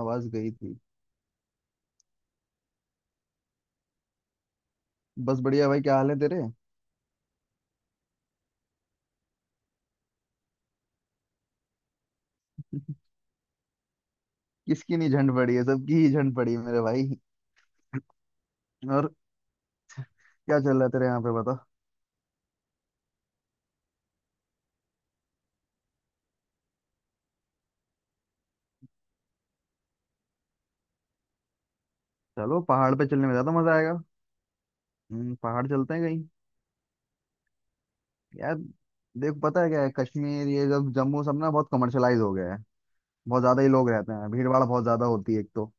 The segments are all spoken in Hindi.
आवाज गई थी। बस बढ़िया भाई, क्या हाल है तेरे? किसकी नहीं झंड पड़ी है, सबकी ही झंड पड़ी है मेरे भाई। और क्या चल रहा है तेरे यहाँ पे, बता। चलो, पहाड़ पे चलने में ज्यादा मजा आएगा। पहाड़ चलते हैं कहीं यार। देख, पता है क्या है, कश्मीर ये जब जम्मू सब ना बहुत कमर्शलाइज हो गया है। बहुत ज्यादा ही लोग रहते हैं, भीड़ भाड़ बहुत ज्यादा होती है एक तो।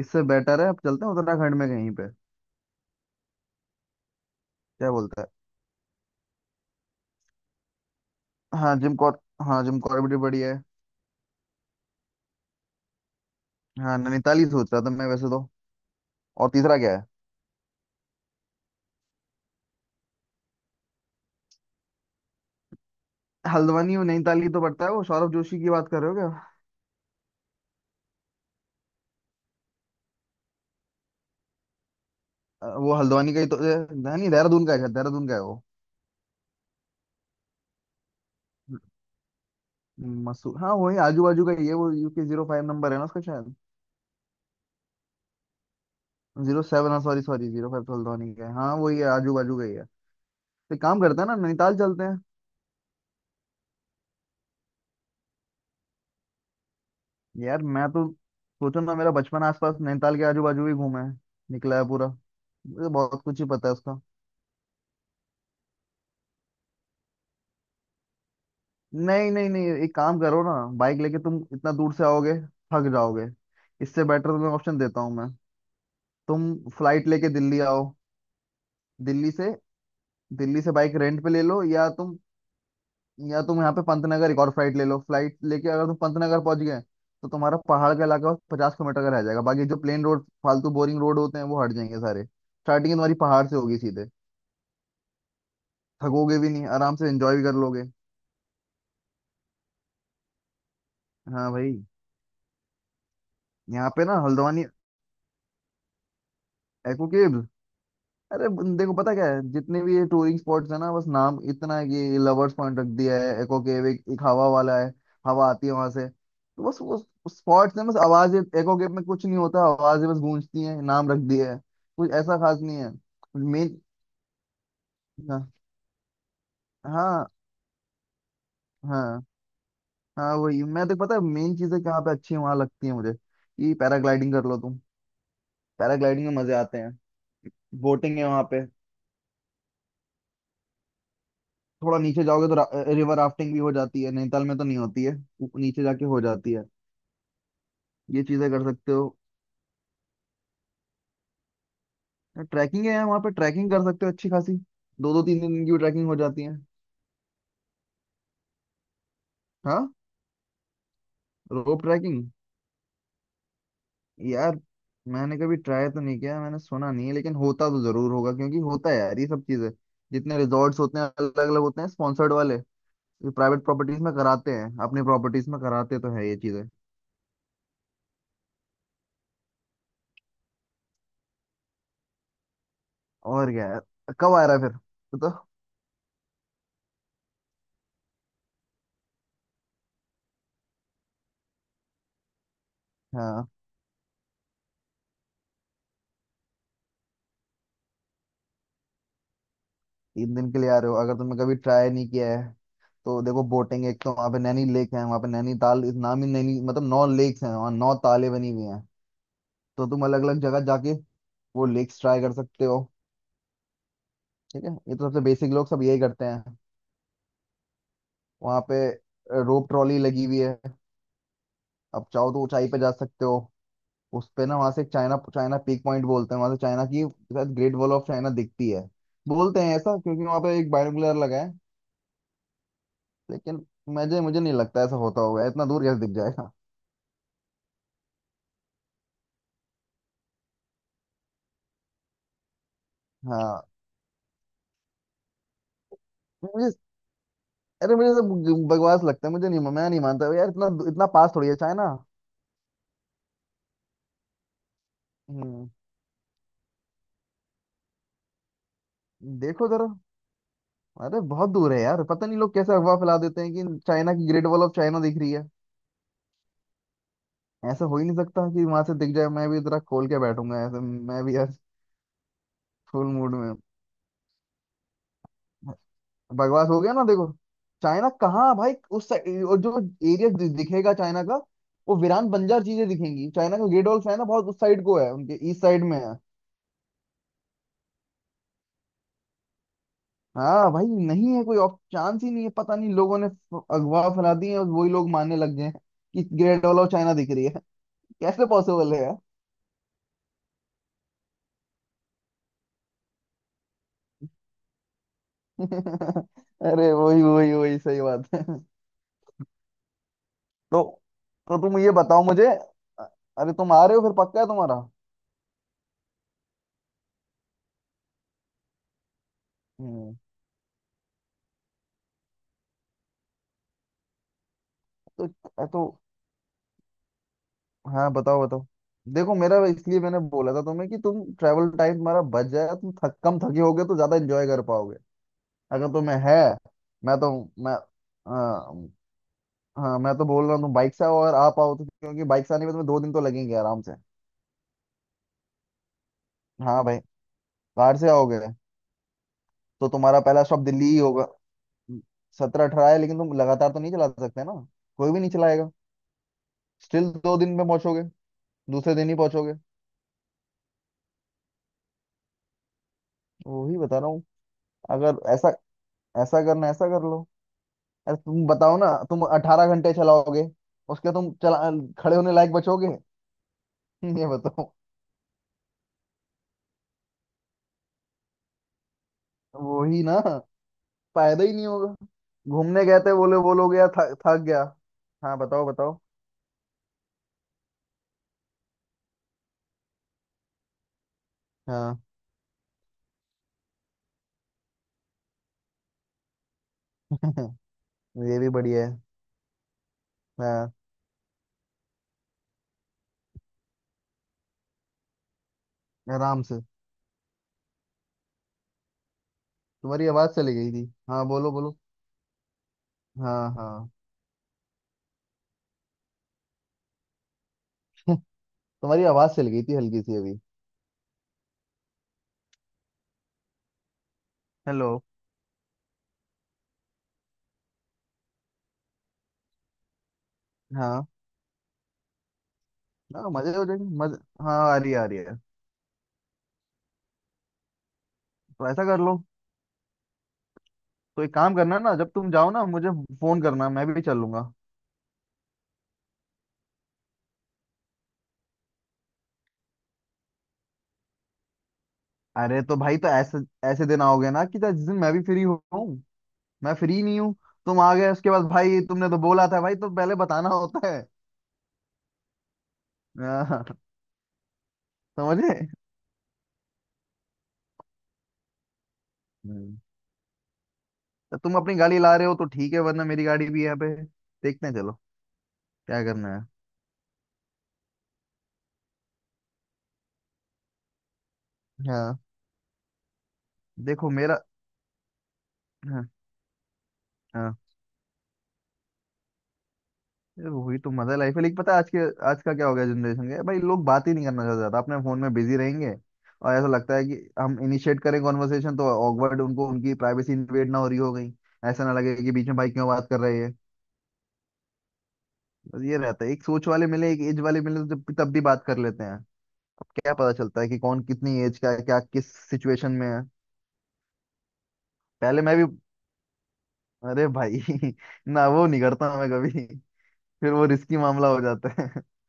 इससे बेटर है अब चलते हैं उत्तराखंड में कहीं पे। क्या बोलता है? हाँ जिम कॉर, हाँ जिम कॉर्बेट भी बढ़िया है। हाँ नैनीताल ही सोच रहा था मैं वैसे तो। और तीसरा क्या है? हल्द्वानी और नैनीताल ही तो पड़ता है, वो सौरभ जोशी की बात कर रहे हो क्या? वो हल्द्वानी का ही तो नहीं, देहरादून का है शायद, देहरादून का है वो। मसूर, हाँ वही आजू बाजू का ही है वो। UK05 नंबर है ना उसका शायद। 07, हाँ सॉरी सॉरी, 05 तो हल्द्वानी का है, हाँ वही है आजू बाजू का ही है। तो एक काम करते हैं ना, नैनीताल चलते हैं। यार मैं तो, सोचो ना, मेरा बचपन आसपास नैनीताल के आजू बाजू ही घूमा है, निकला है पूरा, मुझे तो बहुत कुछ ही पता है उसका। नहीं नहीं नहीं, एक काम करो ना, बाइक लेके तुम इतना दूर से आओगे, थक जाओगे। इससे बेटर तुम्हें ऑप्शन देता हूँ मैं। तुम फ्लाइट लेके दिल्ली आओ। दिल्ली से, दिल्ली से बाइक रेंट पे ले लो, या तुम, या तुम यहाँ पे पंतनगर एक और फ्लाइट ले लो। फ्लाइट लेके अगर तुम पंतनगर पहुंच गए तो तुम्हारा पहाड़ का इलाका 50 किलोमीटर का रह जाएगा, बाकी जो प्लेन रोड फालतू बोरिंग रोड होते हैं वो हट जाएंगे सारे, स्टार्टिंग तुम्हारी पहाड़ से होगी सीधे। थकोगे भी नहीं, आराम से एंजॉय भी कर लोगे। हाँ भाई। यहाँ पे ना हल्द्वानी, एक्वा केव्स। देखो, पता क्या है, जितने भी ये टूरिंग स्पॉट्स है ना, बस नाम इतना है, कि लवर्स पॉइंट रख दिया है, एको केव, एक हवा वाला है, हवा आती है वहां से तो बस वो स्पॉट्स है बस। आवाज एको केव में कुछ नहीं होता, आवाजें बस गूंजती हैं, नाम रख दिया है। कुछ ऐसा खास नहीं है। मेन, हाँ हाँ हाँ, हाँ वही, मैं तो, पता है मेन चीजें कहाँ पे अच्छी वहां लगती है मुझे, कि पैराग्लाइडिंग कर लो तुम, पैराग्लाइडिंग में मजे आते हैं। बोटिंग है वहां पे। थोड़ा नीचे जाओगे तो रिवर राफ्टिंग भी हो जाती है, नैनीताल में तो नहीं होती है, नीचे जाके हो जाती है, ये चीजें कर सकते हो। ट्रैकिंग है वहाँ पे, ट्रैकिंग कर सकते हो अच्छी खासी, दो दो तीन दिन की भी ट्रैकिंग हो जाती है। हाँ। रोप ट्रैकिंग, यार मैंने कभी ट्राई तो नहीं किया, मैंने सुना नहीं है, लेकिन होता तो जरूर होगा, क्योंकि होता है यार ये सब चीजें। जितने रिजॉर्ट्स होते हैं अलग अलग होते हैं, स्पॉन्सर्ड वाले, प्राइवेट प्रॉपर्टीज में कराते हैं, अपनी प्रॉपर्टीज में कराते तो है ये चीजें। और क्या यार। कब आ रहा है फिर तो? हाँ। तीन दिन के लिए आ रहे हो, अगर तुमने कभी ट्राई नहीं किया है तो देखो, बोटिंग एक तो वहाँ पे, नैनी लेक है वहाँ पे, नैनीताल इस नाम ही नैनी मतलब 9 लेक्स हैं वहाँ, 9 ताले बनी हुई हैं, तो तुम अलग अलग जगह जाके वो लेक्स ट्राई कर सकते हो। ठीक है, ये तो सबसे बेसिक लोग सब यही करते हैं वहाँ पे। रोप ट्रॉली लगी हुई है, अब चाहो तो ऊंचाई पे जा सकते हो उस पे ना। वहाँ से चाइना, चाइना पीक पॉइंट बोलते हैं, वहाँ से चाइना की शायद ग्रेट वॉल ऑफ चाइना दिखती है बोलते हैं ऐसा, क्योंकि वहाँ पे एक बायोनिकुलर लगा है। लेकिन मुझे मुझे नहीं लगता ऐसा होता होगा, इतना दूर कैसे दिख जाएगा। हाँ। मुझे, अरे मुझे सब बकवास लगता है, मुझे नहीं, मैं नहीं मानता यार, इतना इतना पास थोड़ी है चाइना। हम्म। देखो जरा। अरे बहुत दूर है यार, पता नहीं लोग कैसे अफवाह फैला देते हैं कि चाइना की ग्रेट वॉल ऑफ चाइना दिख रही है। ऐसा हो ही नहीं सकता कि वहां से दिख जाए, मैं भी जरा खोल के बैठूंगा ऐसे, मैं भी यार फुल मूड में हूँ। बकवास हो गया ना देखो। चाइना कहाँ भाई, उस साइड, और जो एरिया दिखेगा चाइना का वो वीरान बंजर चीजें दिखेंगी, चाइना का ग्रेट वॉल ऑफ चाइना बहुत उस साइड को है, उनके ईस्ट साइड में है। हाँ भाई, नहीं है, कोई ऑफ चांस ही नहीं है, पता नहीं लोगों ने अगवा फैला दी है और वही लोग मानने लग गए हैं कि ग्रेट वॉल ऑफ चाइना दिख रही है। कैसे पॉसिबल है यार। अरे वही वही वही, सही बात है। तो तो तुम ये बताओ मुझे, अ- अरे तुम आ रहे हो फिर, पक्का है तुम्हारा? हम्म, तो तो हाँ बताओ बताओ। देखो मेरा, इसलिए मैंने बोला था तुम्हें कि तुम ट्रैवल टाइम तुम्हारा बच जाए, तुम थक, कम थके होगे तो ज्यादा एंजॉय कर पाओगे। अगर तुम्हें है, मैं तो, मैं, हाँ मैं तो बोल रहा हूँ तुम बाइक से आओ और आप आओ तो, क्योंकि बाइक से आने में तुम्हें 2 दिन तो लगेंगे आराम से। हाँ भाई। कार से आओगे तो तुम्हारा पहला स्टॉप दिल्ली ही होगा। 17-18 है, लेकिन तुम लगातार तो नहीं चला सकते ना, कोई भी नहीं चलाएगा। स्टिल 2 दिन में पहुंचोगे, दूसरे दिन ही पहुंचोगे, वही बता रहा हूँ। अगर ऐसा, ऐसा करना, ऐसा कर लो। अरे तुम बताओ ना, तुम 18 घंटे चलाओगे उसके, तुम चला, खड़े होने लायक बचोगे? ये बताओ। वही ना, फायदा ही नहीं होगा। घूमने गए थे, बोले वो लोग यार थक थक गया। हाँ बताओ बताओ। हाँ। ये भी बढ़िया है। हाँ आराम से। तुम्हारी आवाज चली गई थी, हाँ बोलो बोलो। हाँ हाँ। तुम्हारी आवाज चली गई थी हल्की सी अभी। हेलो। हाँ। हाँ मजे हो जाएंगे मजे। हाँ, आ रही है आ रही है। तो ऐसा कर लो। तो एक काम करना ना, जब तुम जाओ ना मुझे फोन करना, मैं भी चलूंगा। अरे तो भाई, तो ऐसे, ऐसे दिन आओगे ना कि जिस दिन मैं भी फ्री हूँ, मैं फ्री नहीं हूँ तुम आ गए उसके बाद। भाई तुमने तो बोला था भाई, तो पहले बताना होता है। हाँ, समझे। हम्म। तो तुम अपनी गाड़ी ला रहे हो तो ठीक है, वरना मेरी गाड़ी भी यहाँ पे, देखते हैं चलो, क्या करना है। हाँ। देखो मेरा, हाँ हाँ, ये वही तो मजा लाइफ है, लेकिन पता है आज के, आज का क्या हो गया जनरेशन का, भाई लोग बात ही नहीं करना चाहते ज्यादा, अपने फोन में बिजी रहेंगे। और ऐसा लगता है कि हम इनिशिएट करें कॉन्वर्सेशन तो ऑकवर्ड उनको, उनकी प्राइवेसी इन्वेड ना हो रही हो गई, ऐसा ना लगे कि बीच में भाई क्यों बात कर रहे हैं। बस ये रहता है, एक सोच वाले मिले, एक एज वाले मिले तो जब तब भी बात कर लेते हैं। अब क्या पता चलता है कि कौन कितनी एज का है, क्या किस सिचुएशन में है। पहले मैं भी, अरे भाई ना वो नहीं करता मैं कभी, फिर वो रिस्की मामला हो जाता है।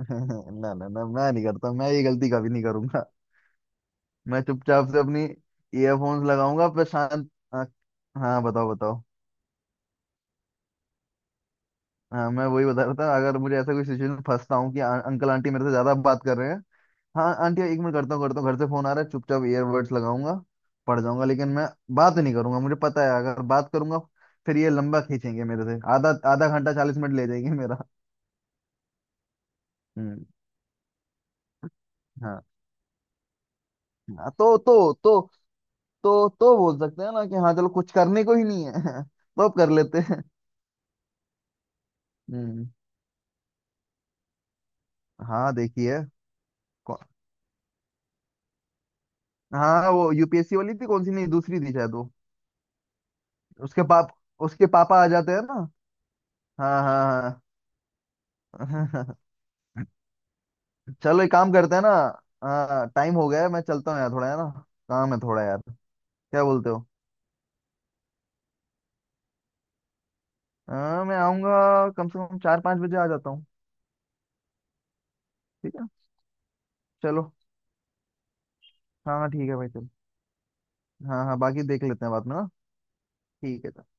ना ना ना, मैं नहीं करता, मैं ये गलती कभी नहीं करूंगा। मैं चुपचाप से अपनी ईयरफोन्स लगाऊंगा, पर शांत। आ, हाँ बताओ बताओ। हाँ मैं वही बता रहा था, अगर मुझे ऐसा कोई सिचुएशन में फंसता हूँ कि अंकल आंटी मेरे से ज्यादा बात कर रहे हैं, हाँ आंटी एक मिनट, करता हूँ करता हूँ, घर से फोन आ रहा है, चुपचाप ईयरबड्स लगाऊंगा, पड़ जाऊंगा लेकिन मैं बात नहीं करूंगा। मुझे पता है अगर बात करूंगा, फिर ये लंबा खींचेंगे, मेरे से आधा आधा घंटा 40 मिनट ले जाएंगे मेरा। हम्म। हाँ। हाँ, तो बोल सकते हैं ना कि हाँ चलो, कुछ करने को ही नहीं है। तो अब कर लेते हैं। हम्म। हाँ, देखिए। कौ- हाँ वो यूपीएससी वाली थी, कौन सी, नहीं दूसरी थी शायद वो। उसके पाप, उसके पापा आ जाते हैं ना, हाँ हाँ हाँ। चलो एक काम करते हैं ना। हाँ, टाइम हो गया है, मैं चलता हूँ यार, थोड़ा है ना काम है थोड़ा यार। क्या बोलते हो? हाँ मैं आऊँगा कम से कम 4-5 बजे आ जाता हूँ। ठीक है, चलो। हाँ हाँ ठीक है भाई चलो। हाँ हाँ बाकी देख लेते हैं बाद में ना। ठीक है।